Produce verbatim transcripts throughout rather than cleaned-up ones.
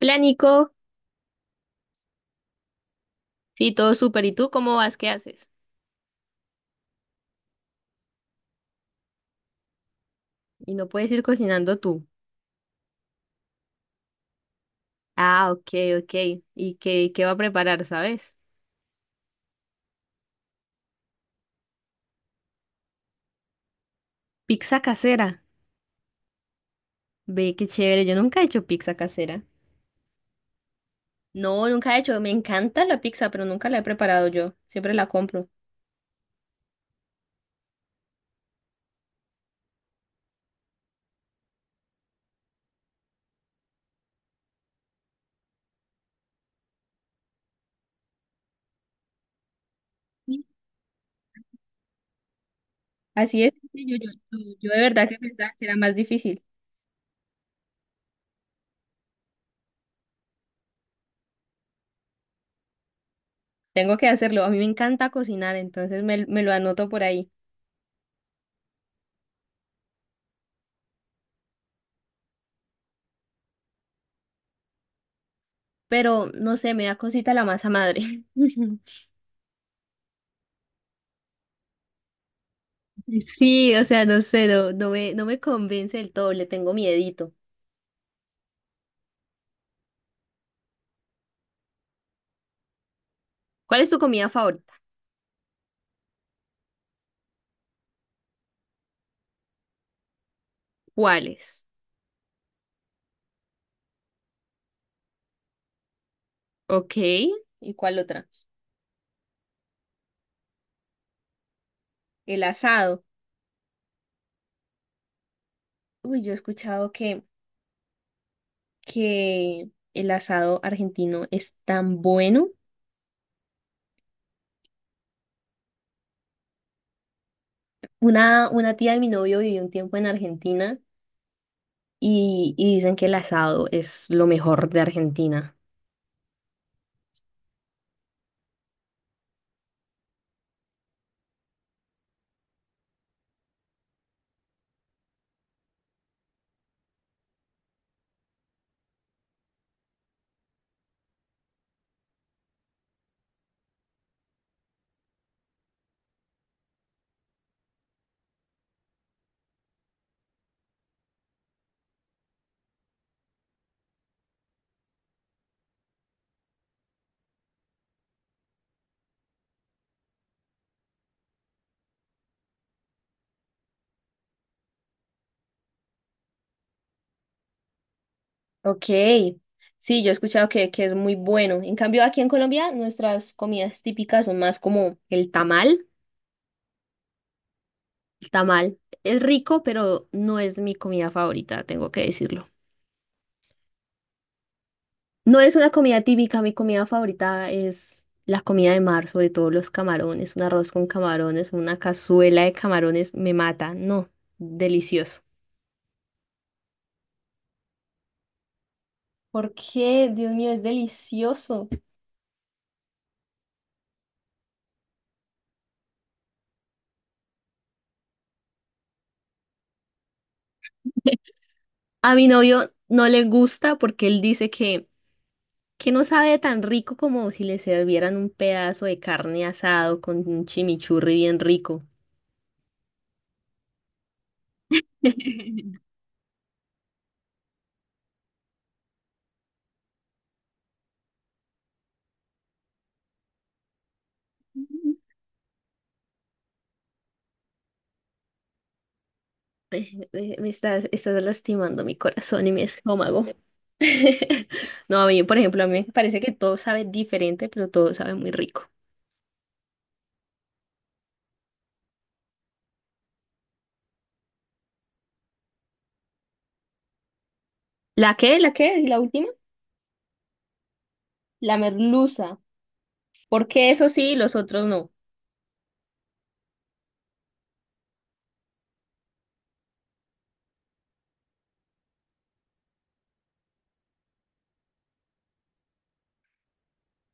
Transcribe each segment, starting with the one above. Hola Nico, sí, todo súper. ¿Y tú cómo vas? ¿Qué haces? Y no puedes ir cocinando tú. Ah, ok, ok. ¿Y qué, qué va a preparar, sabes? Pizza casera. Ve, qué chévere. Yo nunca he hecho pizza casera. No, nunca he hecho. Me encanta la pizza, pero nunca la he preparado yo. Siempre la compro. Sí. Así es. sí, Yo, yo, yo- yo de verdad que pensaba que era más difícil. Tengo que hacerlo. A mí me encanta cocinar, entonces me, me lo anoto por ahí. Pero no sé, me da cosita la masa madre. Sí, o sea, no sé, no, no me, no me convence del todo, le tengo miedito. ¿Cuál es tu comida favorita? ¿Cuáles? Ok, ¿y cuál otra? El asado. Uy, yo he escuchado que, que el asado argentino es tan bueno. Una, una tía de mi novio vivió un tiempo en Argentina y, y dicen que el asado es lo mejor de Argentina. Ok, sí, yo he escuchado que, que es muy bueno. En cambio, aquí en Colombia, nuestras comidas típicas son más como el tamal. El tamal es rico, pero no es mi comida favorita, tengo que decirlo. No es una comida típica, mi comida favorita es la comida de mar, sobre todo los camarones, un arroz con camarones, una cazuela de camarones me mata, no, delicioso. ¿Por qué? Dios mío, es delicioso. A mi novio no le gusta porque él dice que, que no sabe tan rico como si le servieran un pedazo de carne asado con un chimichurri bien rico. Eh, me estás, estás lastimando mi corazón y mi estómago. No, a mí, por ejemplo, a mí me parece que todo sabe diferente, pero todo sabe muy rico. ¿La qué? ¿La qué? ¿Y la última? La merluza. Porque eso sí, los otros no.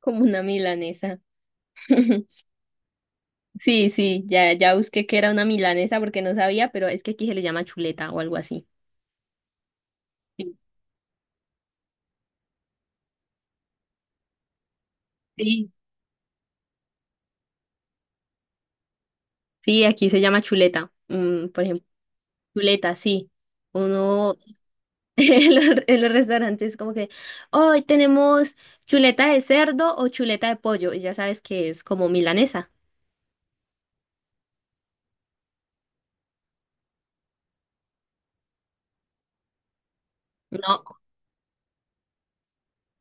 Como una milanesa. Sí, sí, ya, ya busqué que era una milanesa porque no sabía, pero es que aquí se le llama chuleta o algo así. Sí, sí, sí, aquí se llama chuleta. Mm, por ejemplo, chuleta, sí. Uno, en los, en los restaurantes, como que hoy tenemos chuleta de cerdo o chuleta de pollo, y ya sabes que es como milanesa. No,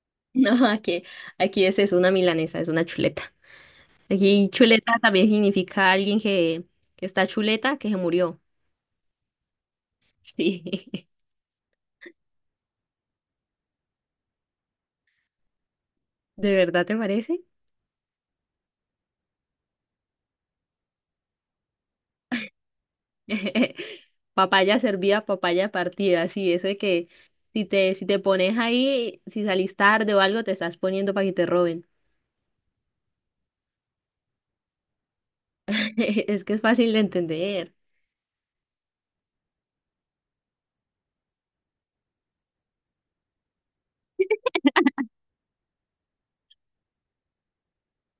no, aquí, aquí es, es una milanesa, es una chuleta. Aquí chuleta también significa alguien que, que está chuleta, que se murió. Sí, ¿de verdad te parece? Papaya servida, papaya partida, sí, eso de que si te, si te pones ahí, si salís tarde o algo, te estás poniendo para que te roben. Es que es fácil de entender.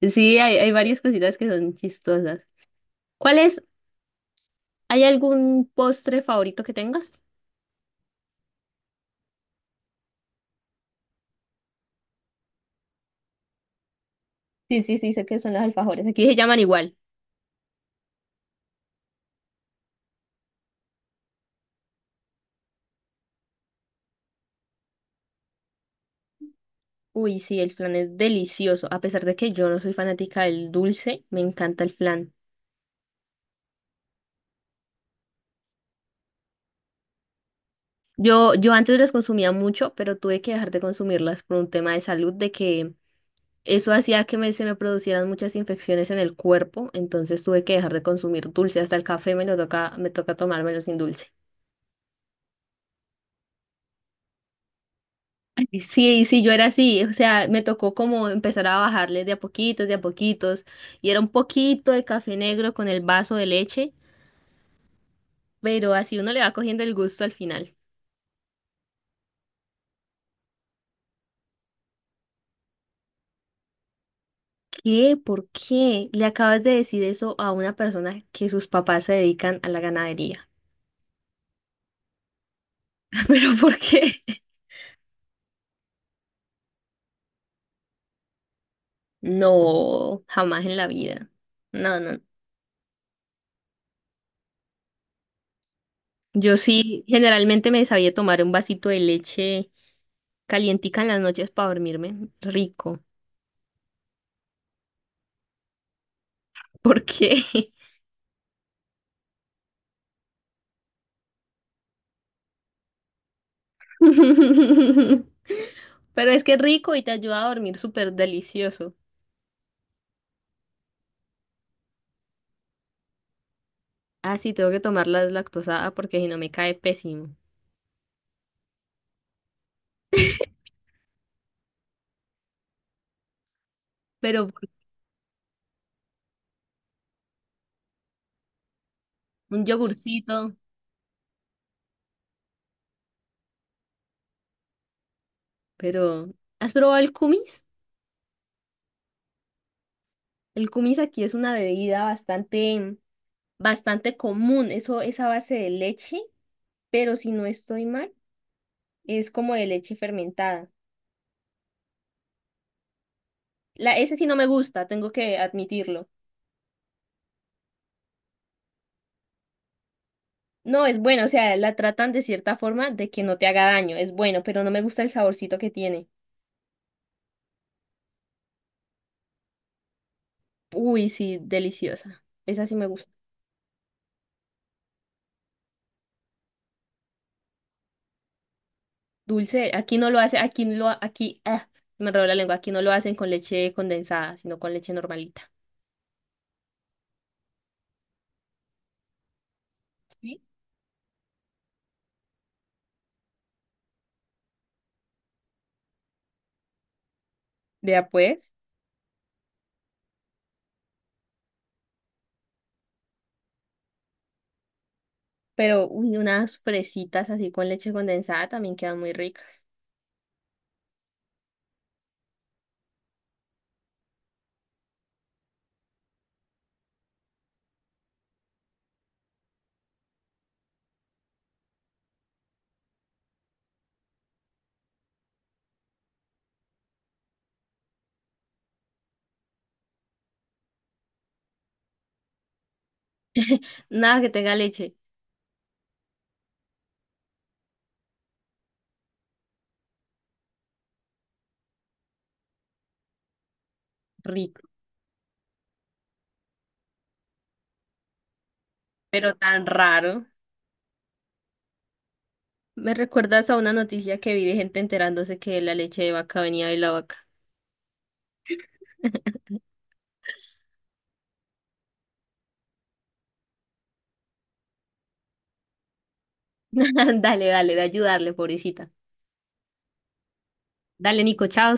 Sí, hay, hay varias cositas que son chistosas. ¿Cuál es? ¿Hay algún postre favorito que tengas? Sí, sí, sí, sé que son los alfajores. Aquí se llaman igual. Uy, sí, el flan es delicioso. A pesar de que yo no soy fanática del dulce, me encanta el flan. Yo, yo antes las consumía mucho, pero tuve que dejar de consumirlas por un tema de salud, de que eso hacía que me, se me producieran muchas infecciones en el cuerpo, entonces tuve que dejar de consumir dulce. Hasta el café me lo toca, me toca tomármelo sin dulce. Sí, sí, yo era así, o sea, me tocó como empezar a bajarle de a poquitos, de a poquitos, y era un poquito de café negro con el vaso de leche, pero así uno le va cogiendo el gusto al final. ¿Qué? ¿Por qué le acabas de decir eso a una persona que sus papás se dedican a la ganadería? ¿Pero por qué? No, jamás en la vida. No, no. Yo sí, generalmente me sabía tomar un vasito de leche calientica en las noches para dormirme. Rico. ¿Por qué? Pero es que es rico y te ayuda a dormir súper delicioso. Ah, sí, tengo que tomar la deslactosada porque si no me cae pésimo. Pero un yogurcito, pero ¿has probado el kumis? El kumis aquí es una bebida bastante, bastante común. Eso es a base de leche, pero si no estoy mal, es como de leche fermentada. La, ese sí no me gusta, tengo que admitirlo. No, es bueno, o sea, la tratan de cierta forma de que no te haga daño, es bueno, pero no me gusta el saborcito que tiene. Uy, sí, deliciosa. Esa sí me gusta. Dulce, aquí no lo hace, aquí lo, aquí, ah, me enredó la lengua, aquí no lo hacen con leche condensada, sino con leche normalita. Sí. Vea pues, pero uy, unas fresitas así con leche condensada también quedan muy ricas. Nada que tenga leche, rico, pero tan raro. Me recuerdas a una noticia que vi de gente enterándose que la leche de vaca venía de la vaca. Dale, dale, de ayudarle, pobrecita. Dale, Nico, chao.